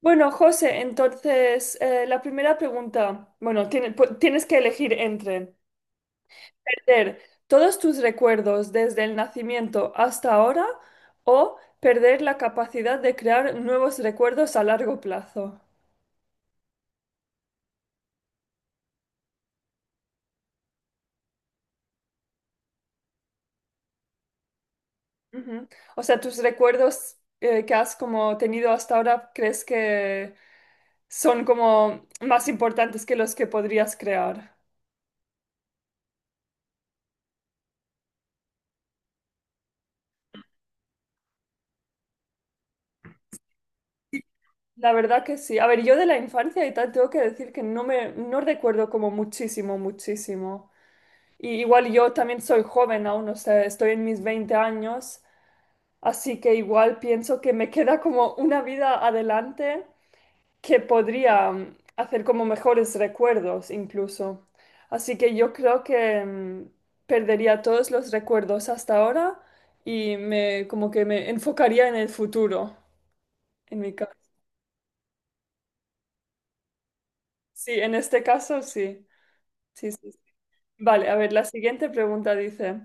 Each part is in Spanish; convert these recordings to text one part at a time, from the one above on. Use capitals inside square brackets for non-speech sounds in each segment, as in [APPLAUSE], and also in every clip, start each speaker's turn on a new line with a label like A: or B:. A: Bueno, José, entonces la primera pregunta, bueno, tienes que elegir entre perder todos tus recuerdos desde el nacimiento hasta ahora o perder la capacidad de crear nuevos recuerdos a largo plazo. Ujú. O sea, tus recuerdos que has como tenido hasta ahora, ¿crees que son como más importantes que los que podrías crear? La verdad que sí. A ver, yo de la infancia y tal tengo que decir que no recuerdo como muchísimo, muchísimo. Y igual yo también soy joven aún, o sea, estoy en mis 20 años, así que igual pienso que me [LAUGHS] queda como una vida adelante que podría hacer como mejores recuerdos incluso. Así que yo creo que perdería todos los recuerdos hasta ahora y me como que me enfocaría en el futuro, en mi caso. Sí, en este caso sí. Sí, sí, sí. Vale, a ver, la siguiente pregunta dice,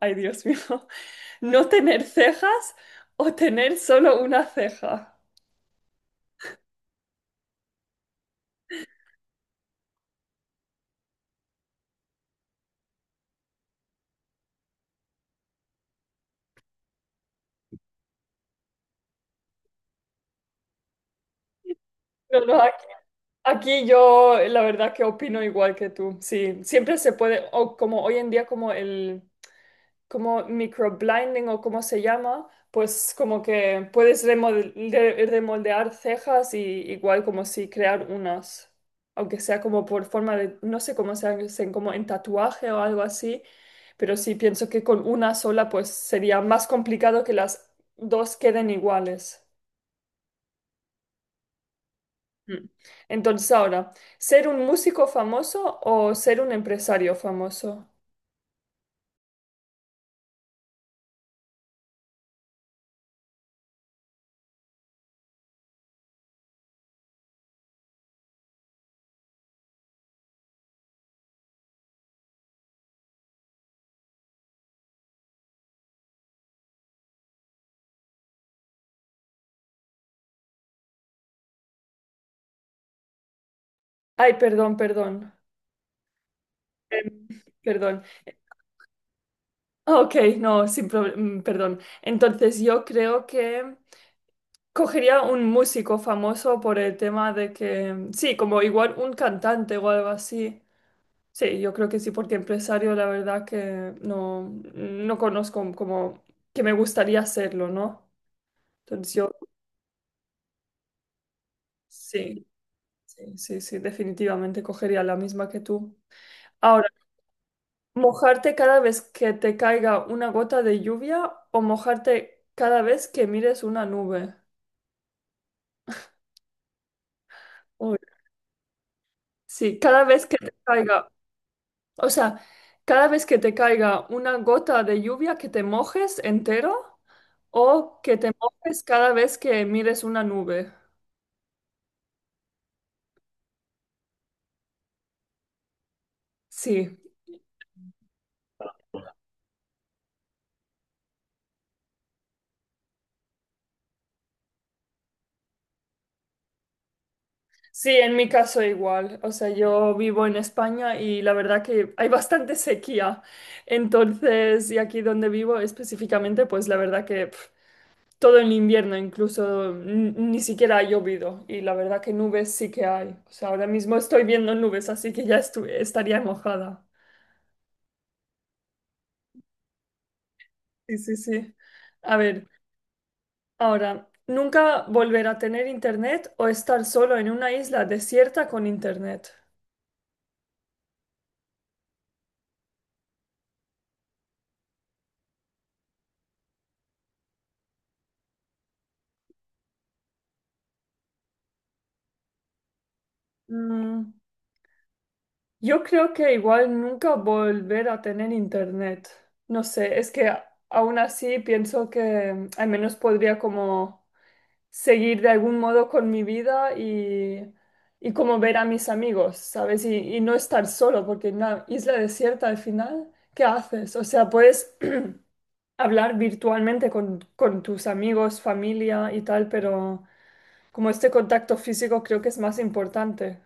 A: ay Dios mío, [LAUGHS] ¿no tener cejas o tener solo una ceja? No, no, aquí, aquí yo la verdad que opino igual que tú. Sí, siempre se puede, o como hoy en día como microblinding o como se llama, pues como que puedes remoldear cejas y igual como si crear unas, aunque sea como por forma de, no sé cómo se hacen, como en tatuaje o algo así, pero sí pienso que con una sola pues sería más complicado que las dos queden iguales. Mm. Entonces ahora, ¿ser un músico famoso o ser un empresario famoso? Ay, perdón, perdón. Em, perdón. Ah, ok, no, sin problema, perdón. Entonces yo creo que cogería un músico famoso por el tema de que, sí, como igual un cantante o algo así. Sí, yo creo que sí, porque empresario la verdad que no, no conozco como que me gustaría hacerlo, ¿no? Entonces yo sí, sí, sí, sí, definitivamente cogería la misma que tú. Ahora, ¿mojarte cada vez que te caiga una gota de lluvia o mojarte cada vez que mires una nube? Uy, sí, cada vez que te caiga, o sea, cada vez que te caiga una gota de lluvia que te mojes entero o que te mojes cada vez que mires una nube. Sí, sí, en mi caso igual. O sea, yo vivo en España y la verdad que hay bastante sequía. Entonces, y aquí donde vivo específicamente, pues la verdad que pf, todo el invierno, incluso ni siquiera ha llovido. Y la verdad que nubes sí que hay. O sea, ahora mismo estoy viendo nubes, así que ya estaría mojada. Sí, sí, sí. A ver, ahora, ¿nunca volver a tener internet o estar solo en una isla desierta con internet? Mm, yo creo que igual nunca volver a tener internet. No sé, es que aún así pienso que al menos podría como seguir de algún modo con mi vida y como ver a mis amigos, ¿sabes? Y no estar solo, porque en una isla desierta al final, ¿qué haces? O sea, puedes [CLEARS THROAT] hablar virtualmente con tus amigos, familia y tal, pero como este contacto físico creo que es más importante.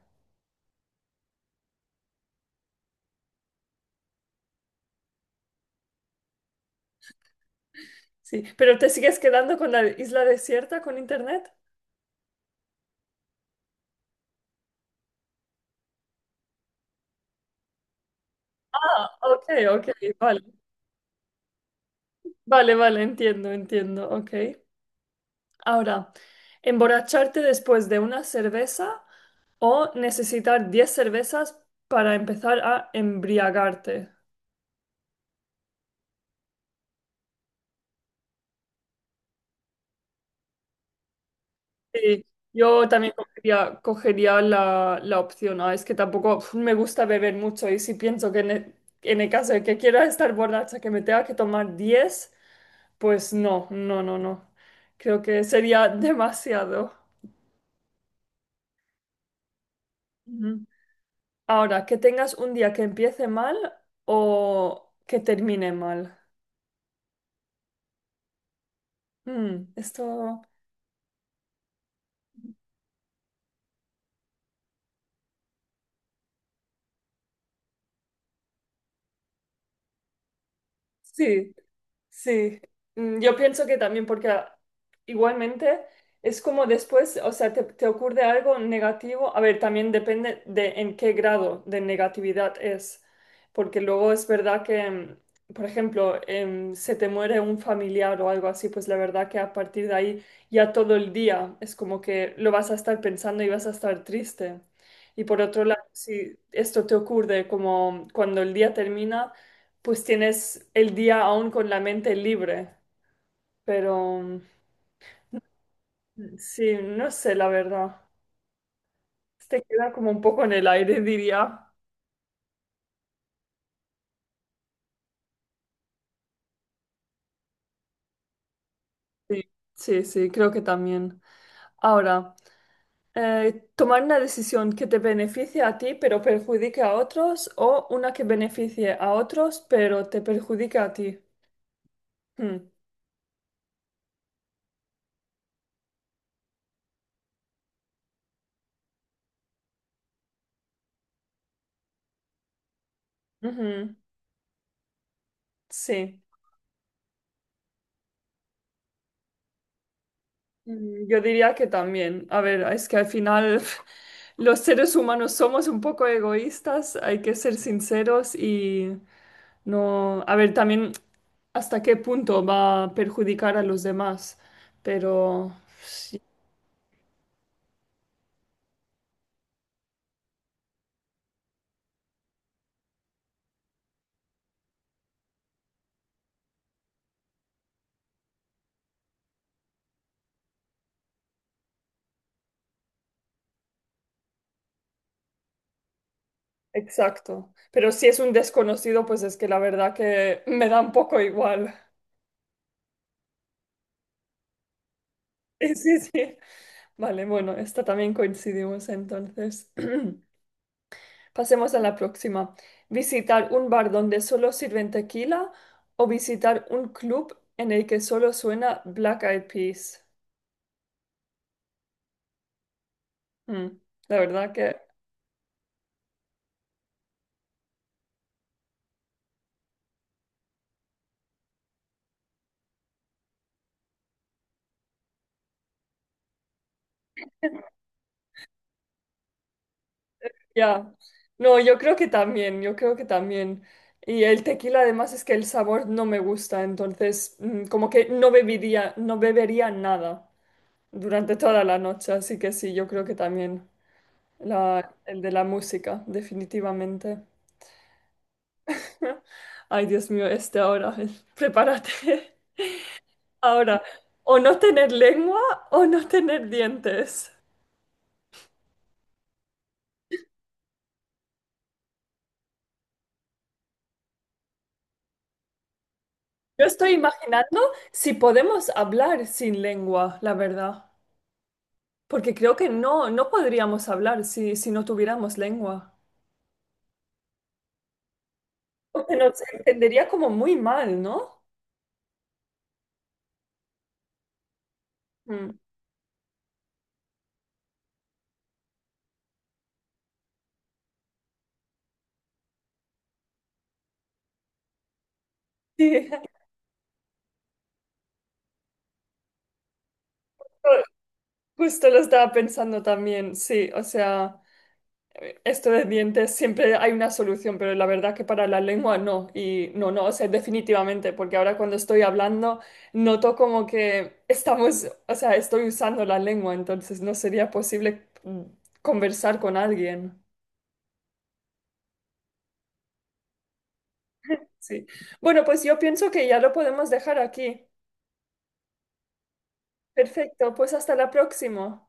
A: Sí, pero ¿te sigues quedando con la isla desierta con internet? Ah, ok, ok, vale. Vale, vale, entiendo, entiendo, ok. Ahora, ¿emborracharte después de una cerveza o necesitar 10 cervezas para empezar a embriagarte? Sí, yo también cogería la opción A. Es que tampoco pf, me gusta beber mucho y si pienso que en en el caso de que quiera [LAUGHS] estar borracha, que me tenga que tomar 10, pues no, no, no, no. Creo que sería [LAUGHS] demasiado. Ujú. Ahora, que tengas un día que empiece mal o que termine mal. Mm, esto sí, sí. Mm, yo pienso que también porque ah, igualmente es como después, o sea, te ocurre algo negativo. A ver, también depende de en qué grado de negatividad es, porque luego es verdad que, por ejemplo, se te muere un familiar o algo así, pues la verdad que a partir de ahí ya todo el día es como que lo vas a estar pensando y vas a estar triste. Y por otro lado, si esto te ocurre como cuando el día termina pues tienes el día aún con la mente libre, pero sí, no sé, la verdad. Te queda como un poco en el aire, [LAUGHS] diría. Sí, sí, sí, creo que también. Ahora, tomar una decisión que te beneficie a ti pero perjudique a otros o una que beneficie a otros pero te perjudique a ti. Hmm, ujú, sí. Mm, yo diría que también. A ver, es que al final [LAUGHS] los seres humanos somos un poco egoístas, hay que ser sinceros y no, a ver, también hasta qué punto va a perjudicar a los demás, pero sí, exacto. Pero si es un desconocido, pues es que la verdad que [LAUGHS] me da un poco igual. [LAUGHS] Sí, sí, sí. Vale, bueno, esta también coincidimos entonces. [CLEARS THROAT] Pasemos a la próxima. ¿Visitar un bar donde solo sirven tequila o visitar un club en el que solo suena Black Eyed Peas? Mm, la verdad que, ya. No, yo creo que también, yo creo que también. Y el tequila además es que el sabor no me gusta, entonces como que no bebería nada durante toda la noche, así que sí, yo creo que también el de la música, definitivamente. [LAUGHS] Ay, Dios mío, este ahora, [LAUGHS] prepárate. Ahora, o no tener lengua o no tener dientes. Yo estoy imaginando si podemos hablar sin lengua, la verdad. Porque creo que no, no podríamos hablar si no tuviéramos lengua. Porque nos entendería como muy mal, ¿no? Mm. Sí, [LAUGHS] justo lo estaba pensando también, sí, o sea. Esto de dientes siempre hay una solución, pero la verdad que para la lengua no. Y no, no, o sea, definitivamente, porque ahora cuando estoy hablando noto como que estamos, o sea, estoy usando la lengua, entonces no sería posible conversar con alguien. Sí. Bueno, pues yo pienso que ya lo podemos dejar aquí. Perfecto, pues hasta la próxima.